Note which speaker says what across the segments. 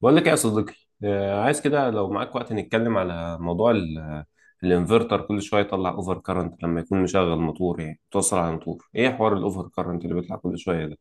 Speaker 1: بقول لك إيه يا صديقي. عايز كده لو معاك وقت نتكلم على موضوع الانفرتر. كل شويه يطلع اوفر كارنت لما يكون مشغل موتور، يعني توصل على موتور. ايه حوار الاوفر كارنت اللي بيطلع كل شويه ده؟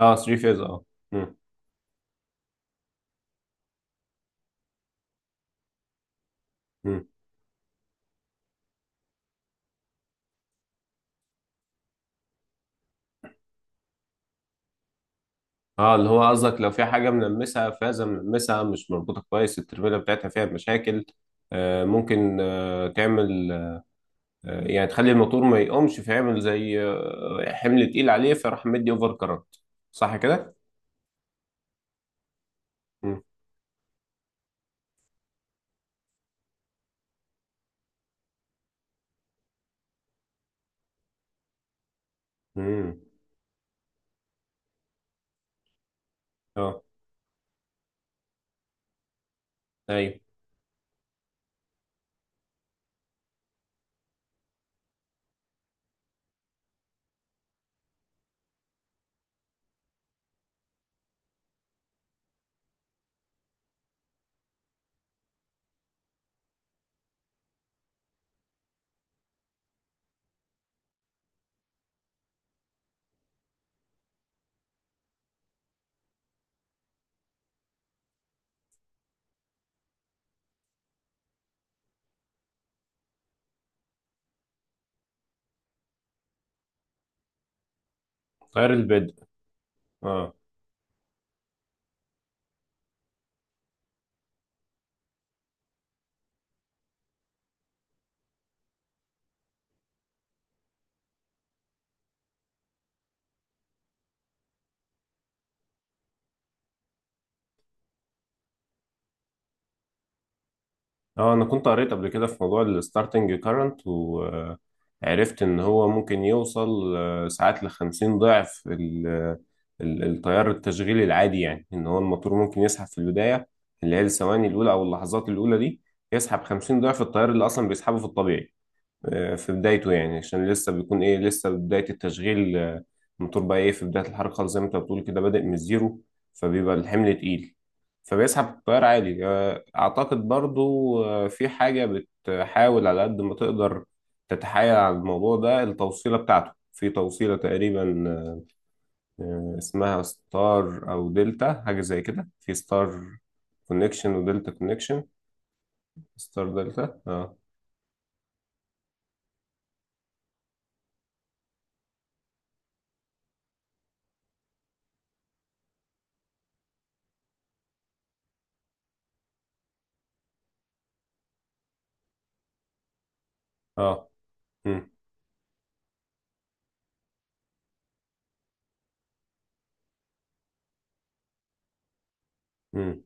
Speaker 1: اه، 3 فيز، اه. مم. مم. اه، اللي هو قصدك لو في حاجه منمسها، فازه منمسها مش مربوطه كويس، الترميله بتاعتها فيها مشاكل؟ ممكن، تعمل يعني تخلي الموتور ما يقومش، فيعمل زي حمل تقيل عليه، فراح مدي اوفر كارنت. صح كده؟ مم. مم. اه. ايوه، غير البدء، اه. اه، انا كنت قريت قبل كده في موضوع الستارتنج كارنت، وعرفت ان هو ممكن يوصل ساعات لخمسين ضعف التيار التشغيلي العادي، يعني ان هو الموتور ممكن يسحب في البداية، اللي هي الثواني الاولى او اللحظات الاولى دي، يسحب خمسين ضعف التيار اللي اصلا بيسحبه في الطبيعي في بدايته، يعني عشان لسه بيكون ايه، لسه بداية التشغيل. الموتور بقى ايه، في بداية الحركة خالص، زي ما انت بتقول كده بادئ من الزيرو، فبيبقى الحمل تقيل، فبيسحب التيار عالي. اعتقد برضو في حاجة بتحاول على قد ما تقدر تتحايل على الموضوع ده. التوصيلة بتاعته في توصيلة تقريبا اسمها ستار او دلتا، حاجة زي كده، في ستار كونكشن ودلتا كونكشن. ستار دلتا، اه، اه. مم. مم.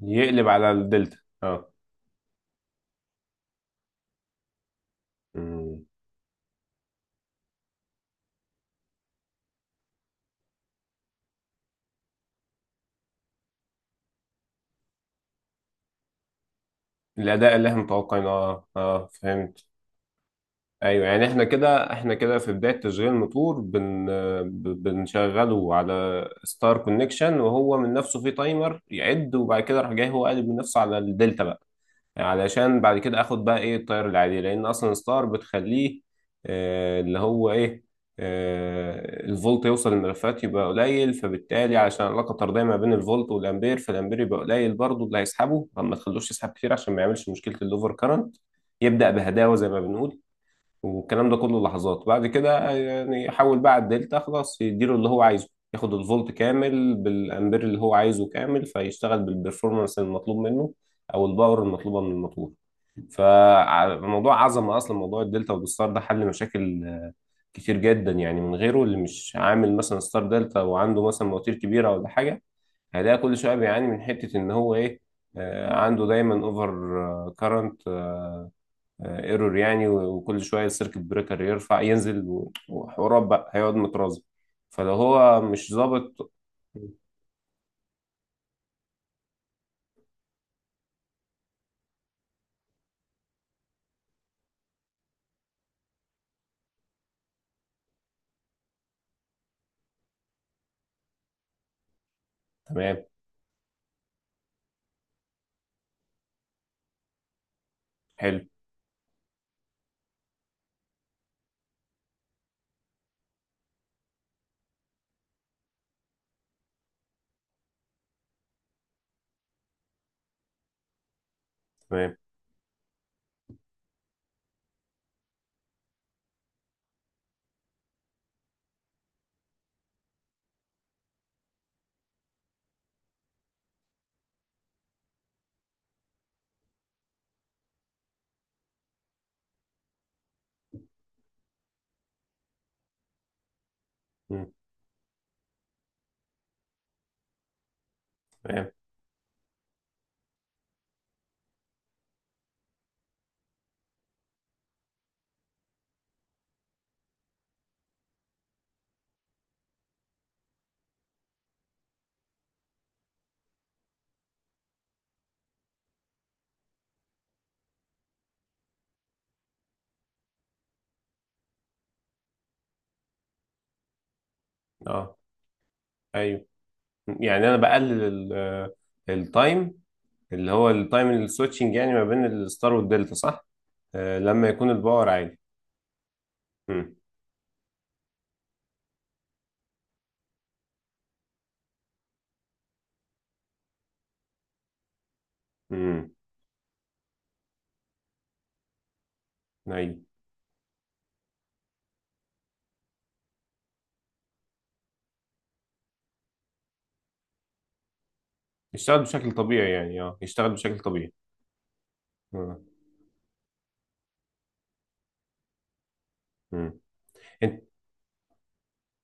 Speaker 1: يقلب على الدلتا، اه. مم. الاداء اللي احنا متوقعينه، اه، اه، فهمت. ايوه، يعني احنا كده، احنا كده في بدايه تشغيل الموتور بنشغله على ستار كونكشن، وهو من نفسه في تايمر يعد، وبعد كده راح جاي هو قالب من نفسه على الدلتا بقى، علشان بعد كده اخد بقى ايه التيار العادي، لان اصلا ستار بتخليه اللي هو ايه، الفولت يوصل للملفات يبقى قليل، فبالتالي علشان العلاقه الطرديه ما بين الفولت والامبير، فالامبير يبقى قليل برضه اللي هيسحبه، فما تخلوش يسحب كتير عشان ما يعملش مشكله الاوفر كارنت. يبدا بهداوه زي ما بنقول. والكلام ده كله لحظات. بعد كده يعني حول بقى على الدلتا خلاص، يديله اللي هو عايزه، ياخد الفولت كامل بالامبير اللي هو عايزه كامل، فيشتغل بالبرفورمانس المطلوب منه او الباور المطلوبه من الموتور. فموضوع عظمه اصلا موضوع الدلتا والستار ده، حل مشاكل كتير جدا، يعني من غيره اللي مش عامل مثلا ستار دلتا وعنده مثلا مواتير كبيره ولا حاجه، هيلاقي كل شويه بيعاني من حته ان هو ايه، عنده دايما اوفر كارنت ايرور، يعني وكل شويه السيركت بريكر يرفع ينزل، وحوارات بقى هيقعد مترازم، فلو هو مش ظابط. تمام. حلو. تمام. مم. تمام. اه. ايوه، يعني انا بقلل التايم، اللي هو التايم السويتشنج، يعني ما بين الستار والدلتا. صح؟ لما يكون الباور عالي. مم. مم. ايوه. يشتغل بشكل طبيعي، يعني اه يشتغل بشكل طبيعي. مم. مم.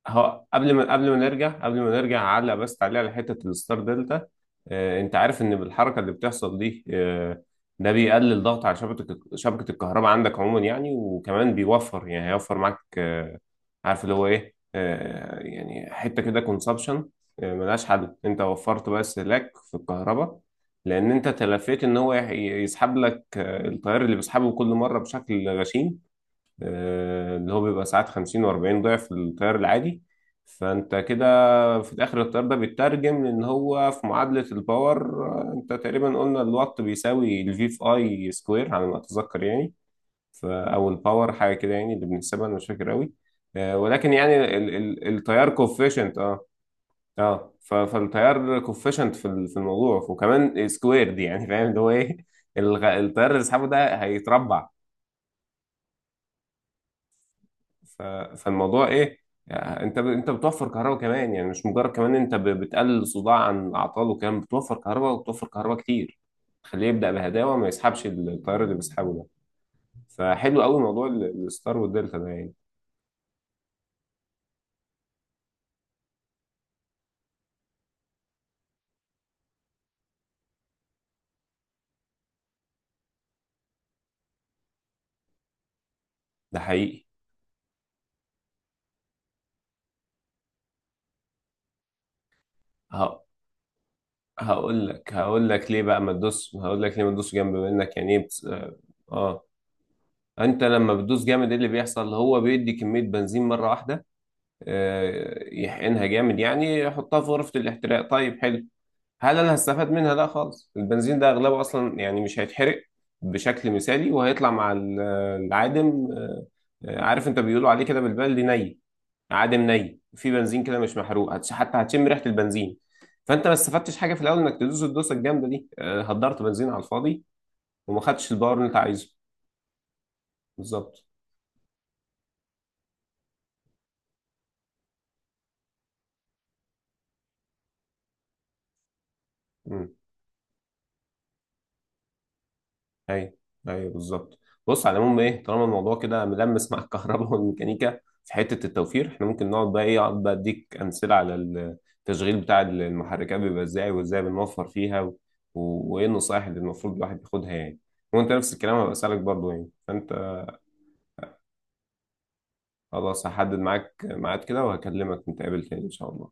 Speaker 1: هو قبل ما نرجع على بس، تعليق على حته الستار دلتا. انت عارف ان بالحركه اللي بتحصل دي ده بيقلل ضغط على شبكه الكهرباء عندك عموما، يعني وكمان بيوفر، يعني هيوفر معاك عارف اللي هو ايه، يعني حته كده كونسبشن ملهاش حل. انت وفرت بس لك في الكهرباء، لان انت تلفيت ان هو يسحب لك التيار اللي بيسحبه كل مره بشكل غشيم اللي هو بيبقى ساعات 50 و40 ضعف التيار العادي. فانت كده في الاخر التيار ده بيترجم، لان هو في معادلة الباور انت تقريبا قلنا الوات بيساوي الفي في اي سكوير على ما اتذكر، يعني او الباور حاجة كده يعني اللي بنحسبها، انا مش فاكر قوي ولكن يعني التيار كوفيشنت، اه. اه، فالتيار كوفيشنت في في الموضوع وكمان سكوير دي، يعني فاهم اللي هو ايه، التيار اللي سحبه ده هيتربع. ف- فالموضوع ايه، يعني انت انت بتوفر كهرباء كمان، يعني مش مجرد كمان، انت بتقلل صداع عن الاعطال وكمان بتوفر كهرباء، وبتوفر كهرباء كتير. خليه يبدأ بهداوة، ما يسحبش التيار اللي بيسحبه ده. فحلو قوي موضوع الستار والدلتا ده يعني. ده حقيقي. ه... هقول لك هقول لك ليه بقى ما تدوس، هقول لك ليه ما تدوس جنب منك، يعني ايه اه، انت لما بتدوس جامد ايه اللي بيحصل، هو بيدي كمية بنزين مرة واحدة، يحقنها جامد، يعني يحطها في غرفة الاحتراق. طيب حلو، هل انا هستفاد منها؟ لا خالص. البنزين ده اغلبه اصلا يعني مش هيتحرق بشكل مثالي، وهيطلع مع العادم. عارف انت بيقولوا عليه كده بالبلدي ني، عادم ني في بنزين كده مش محروق، حتى هتشم ريحه البنزين. فانت ما استفدتش حاجه في الاول انك تدوس الدوسه الجامده دي، هدرت بنزين على الفاضي، وما خدتش الباور اللي انت عايزه. بالظبط. ايوه. ايوه، بالظبط. بص، على العموم ايه، طالما الموضوع كده ملمس مع الكهرباء والميكانيكا، في حته التوفير احنا ممكن نقعد بقى ايه، اقعد بقى اديك امثله على التشغيل بتاع المحركات بيبقى ازاي، وازاي بنوفر فيها، وايه النصائح اللي المفروض الواحد ياخدها يعني. وانت نفس الكلام هبقى اسالك برضو يعني فانت. خلاص هحدد معاك ميعاد كده وهكلمك نتقابل تاني ان شاء الله.